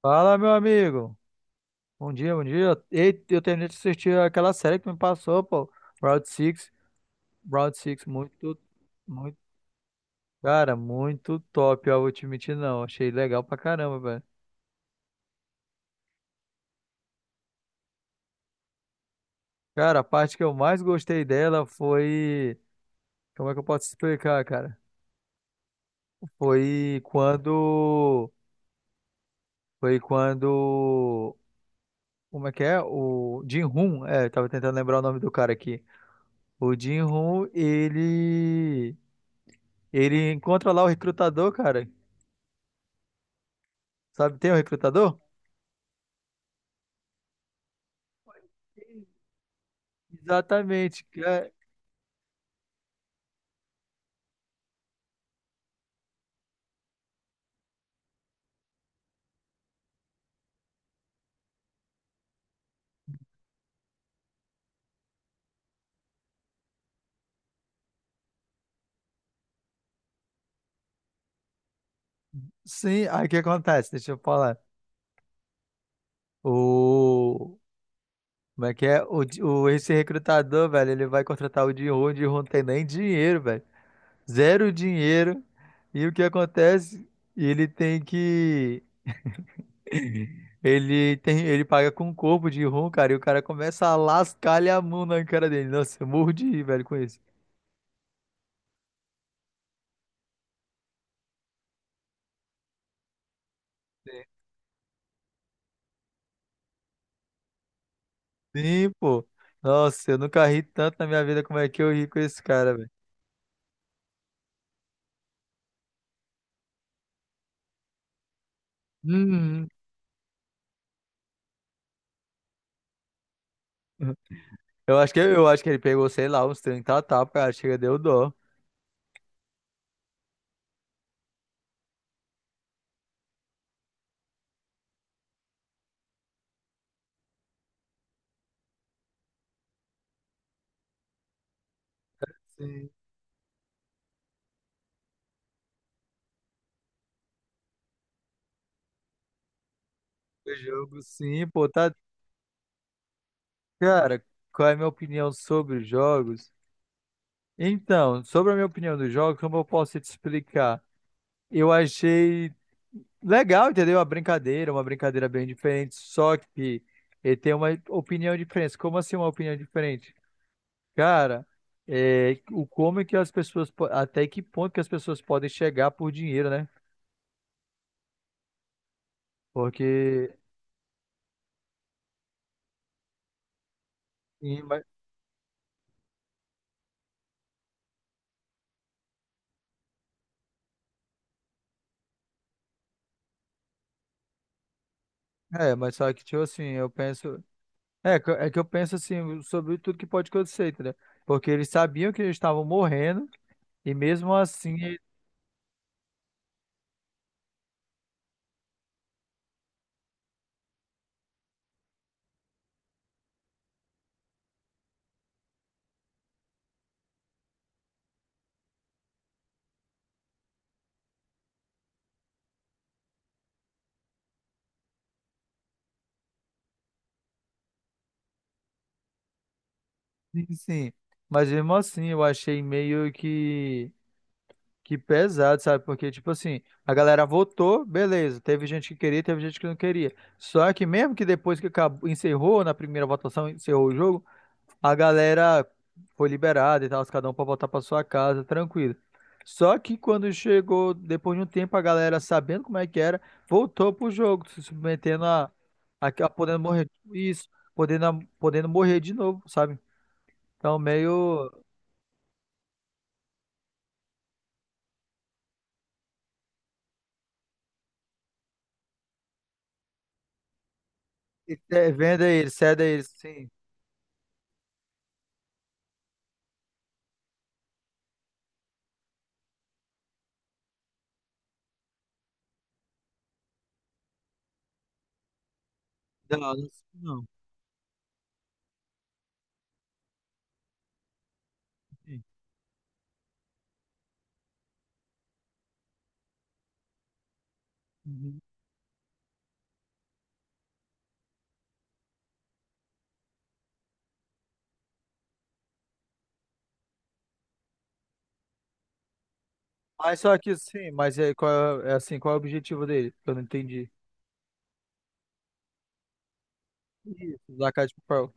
Fala, meu amigo. Bom dia, bom dia. Ei, eu terminei de assistir aquela série que tu me passou, pô. Round Six, Round Six, muito, cara, muito top. Eu vou te mentir, não. Achei legal pra caramba, velho. Cara, a parte que eu mais gostei dela foi. Como é que eu posso explicar, cara? Foi quando. Foi quando. Como é que é? O Jin-Hoon. É, eu tava tentando lembrar o nome do cara aqui. O Jin-Hoon, ele. Ele encontra lá o recrutador, cara. Sabe, tem um recrutador? Exatamente. Que é- Sim, aí o que acontece? Deixa eu falar. O. Como é que é? O, Di- o, esse recrutador, velho, ele vai contratar o Jin-Ho não tem nem dinheiro, velho. Zero dinheiro. E o que acontece? Ele tem que. Ele tem, ele paga com o corpo de rum, cara, e o cara começa a lascar-lhe a mão na cara dele. Nossa, eu morro de rir, velho, com isso. Sim, pô. Nossa, eu nunca ri tanto na minha vida como é que eu ri com esse cara, velho. Uhum. Eu acho que ele pegou, sei lá, uns 30 tapas, cara, chega, deu dó. Sim. O jogo, sim, pô, tá. Cara, qual é a minha opinião sobre os jogos? Então, sobre a minha opinião dos jogos, como eu posso te explicar? Eu achei legal, entendeu? A brincadeira, uma brincadeira bem diferente, só que ele tem uma opinião diferente. Como assim uma opinião diferente? Cara, é, o como é que as pessoas, po- até que ponto que as pessoas podem chegar por dinheiro, né? Porque é, mas só que, tipo assim, eu penso. É que eu penso assim sobre tudo que pode acontecer, entendeu? Porque eles sabiam que eles estavam morrendo, e mesmo assim, eles- sim. Sim. Mas mesmo assim, eu achei meio que pesado, sabe? Porque, tipo assim, a galera votou, beleza. Teve gente que queria, teve gente que não queria. Só que mesmo que depois que acabou, encerrou na primeira votação, encerrou o jogo. A galera foi liberada e tal, cada um pra voltar pra sua casa, tranquilo. Só que quando chegou, depois de um tempo, a galera, sabendo como é que era, voltou pro jogo, se submetendo a, podendo morrer. Isso, podendo, a- podendo morrer de novo, sabe? Então, meio. É, venda eles, cede eles, sim. Não, não. Não, sim. Uhum. Mas só que sim, mas é, qual é, é assim, qual é o objetivo dele? Eu não entendi. Isso, Zaca de Papel.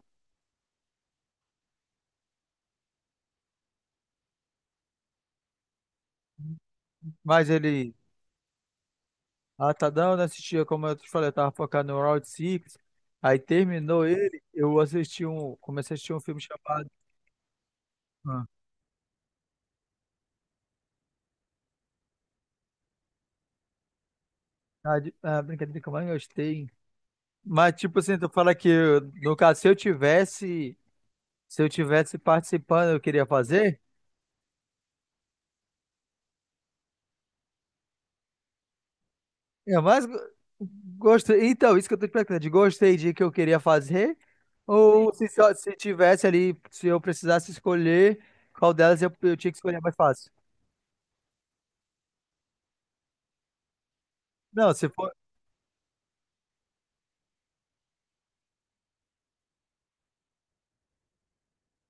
Mas ele. Ah, tá não, né? Assistia, como eu te falei, eu tava focado no Round Six. Aí terminou ele, eu assisti um, comecei a assistir um filme chamado Ah, ah, de- ah, brincadeira que eu mais gostei. Mas tipo assim, tu fala que eu- no caso, se eu tivesse, se eu tivesse participando, eu queria fazer? Eu mais go- gostei. Então, isso que eu tô te perguntando, de gostei de que eu queria fazer ou se só, se tivesse ali, se eu precisasse escolher qual delas eu tinha que escolher a mais fácil. Não, se for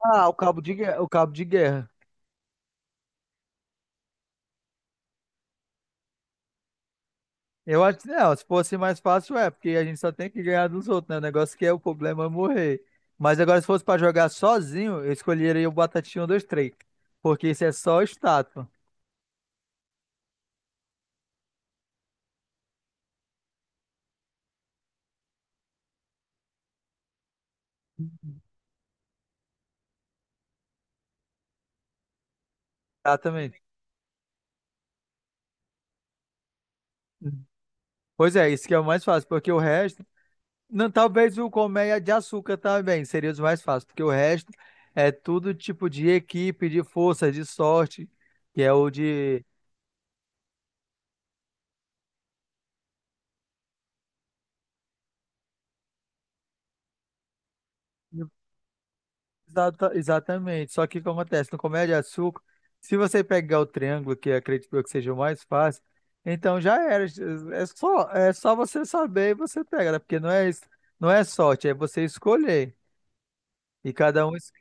Ah, o cabo de guerra, o cabo de guerra. Eu acho que não, se fosse mais fácil, é, porque a gente só tem que ganhar dos outros, né? O negócio que é o problema é morrer. Mas agora, se fosse pra jogar sozinho, eu escolheria o Batatinha 1, 2, 3. Porque isso é só estátua. Exatamente. Pois é, isso que é o mais fácil, porque o resto. Não, talvez o colmeia de açúcar também seria os mais fáceis, porque o resto é tudo tipo de equipe, de força, de sorte, que é o de. Exata- exatamente. Só que o que acontece? No Comédia de Açúcar, se você pegar o triângulo, que eu acredito eu que seja o mais fácil, então já era. É só você saber e você pega, né? Porque não é, es- não é sorte, é você escolher. E cada um. Es-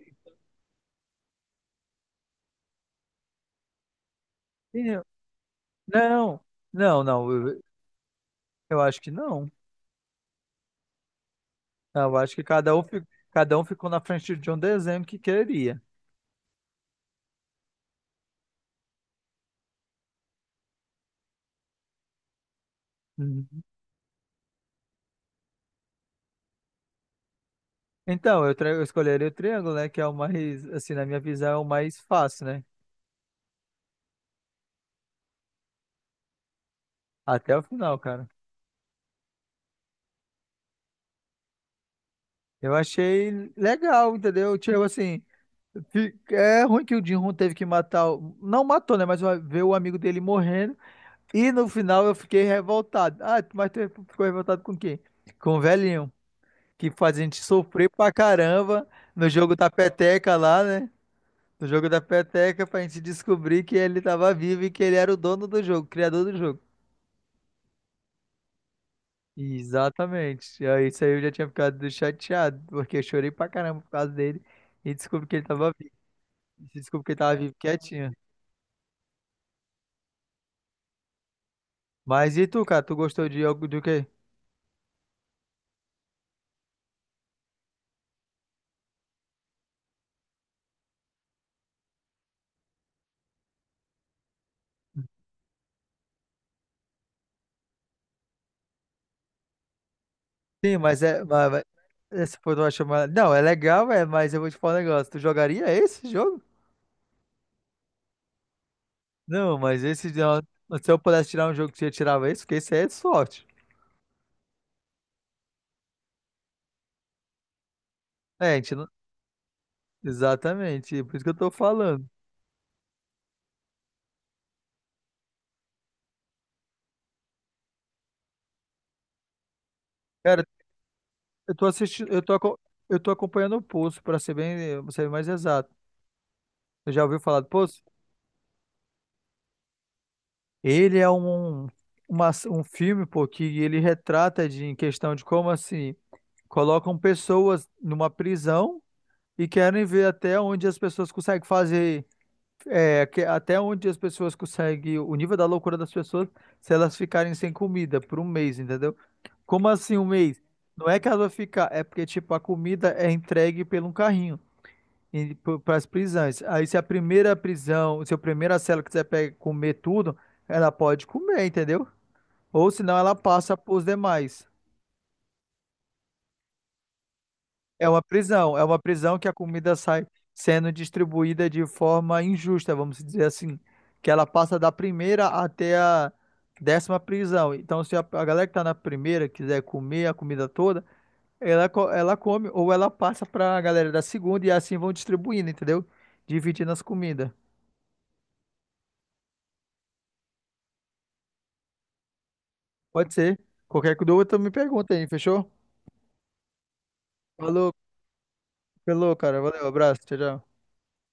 Não, não. Eu acho que não. Eu acho que cada um, fi- cada um ficou na frente de um desenho que queria. Uhum. Então, eu, tra- eu escolheria o triângulo, né? Que é o mais, assim, na minha visão, é o mais fácil, né? Até o final, cara. Eu achei legal, entendeu? Tipo assim, fi- é ruim que o Jin-Hoon teve que matar, o- não matou, né? Mas o- ver o amigo dele morrendo. E no final eu fiquei revoltado. Ah, mas tu ficou revoltado com quem? Com o velhinho, que faz a gente sofrer pra caramba no jogo da peteca lá, né? No jogo da peteca pra gente descobrir que ele tava vivo e que ele era o dono do jogo, o criador do jogo. Exatamente. E aí isso aí eu já tinha ficado chateado, porque eu chorei pra caramba por causa dele e descobri que ele tava vivo. Esse desculpa que ele tava vivo quietinho. Mas e tu, cara? Tu gostou de algo do quê? Sim, mas é. Mas- essa foi uma chamada. Não, é legal, é, mas eu vou te falar um negócio. Tu jogaria esse jogo? Não, mas esse. Se eu pudesse tirar um jogo que você tirava esse, porque esse aí é de sorte. É, a gente não... Exatamente, por isso que eu tô falando. Cara, eu tô assistindo, eu tô, aco- eu tô acompanhando o Poço, pra ser bem, pra ser mais exato. Você já ouviu falar do Poço? Ele é um, uma, um filme, pô, que ele retrata de, em questão de como assim. Colocam pessoas numa prisão e querem ver até onde as pessoas conseguem fazer, é, que- até onde as pessoas conseguem, o nível da loucura das pessoas, se elas ficarem sem comida por um mês, entendeu? Como assim um mês? Não é que ela vai ficar, é porque, tipo, a comida é entregue pelo um carrinho para as prisões. Aí, se a primeira prisão, se a primeira cela quiser pe- comer tudo, ela pode comer, entendeu? Ou senão ela passa para os demais. É uma prisão que a comida sai sendo distribuída de forma injusta, vamos dizer assim, que ela passa da primeira até a décima prisão. Então, se a, a galera que tá na primeira quiser comer a comida toda, ela, co- ela come ou ela passa pra galera da segunda e assim vão distribuindo, entendeu? Dividindo as comidas. Pode ser. Qualquer dúvida, tu me pergunta aí, fechou? Falou, falou, cara. Valeu, abraço, tchau, tchau.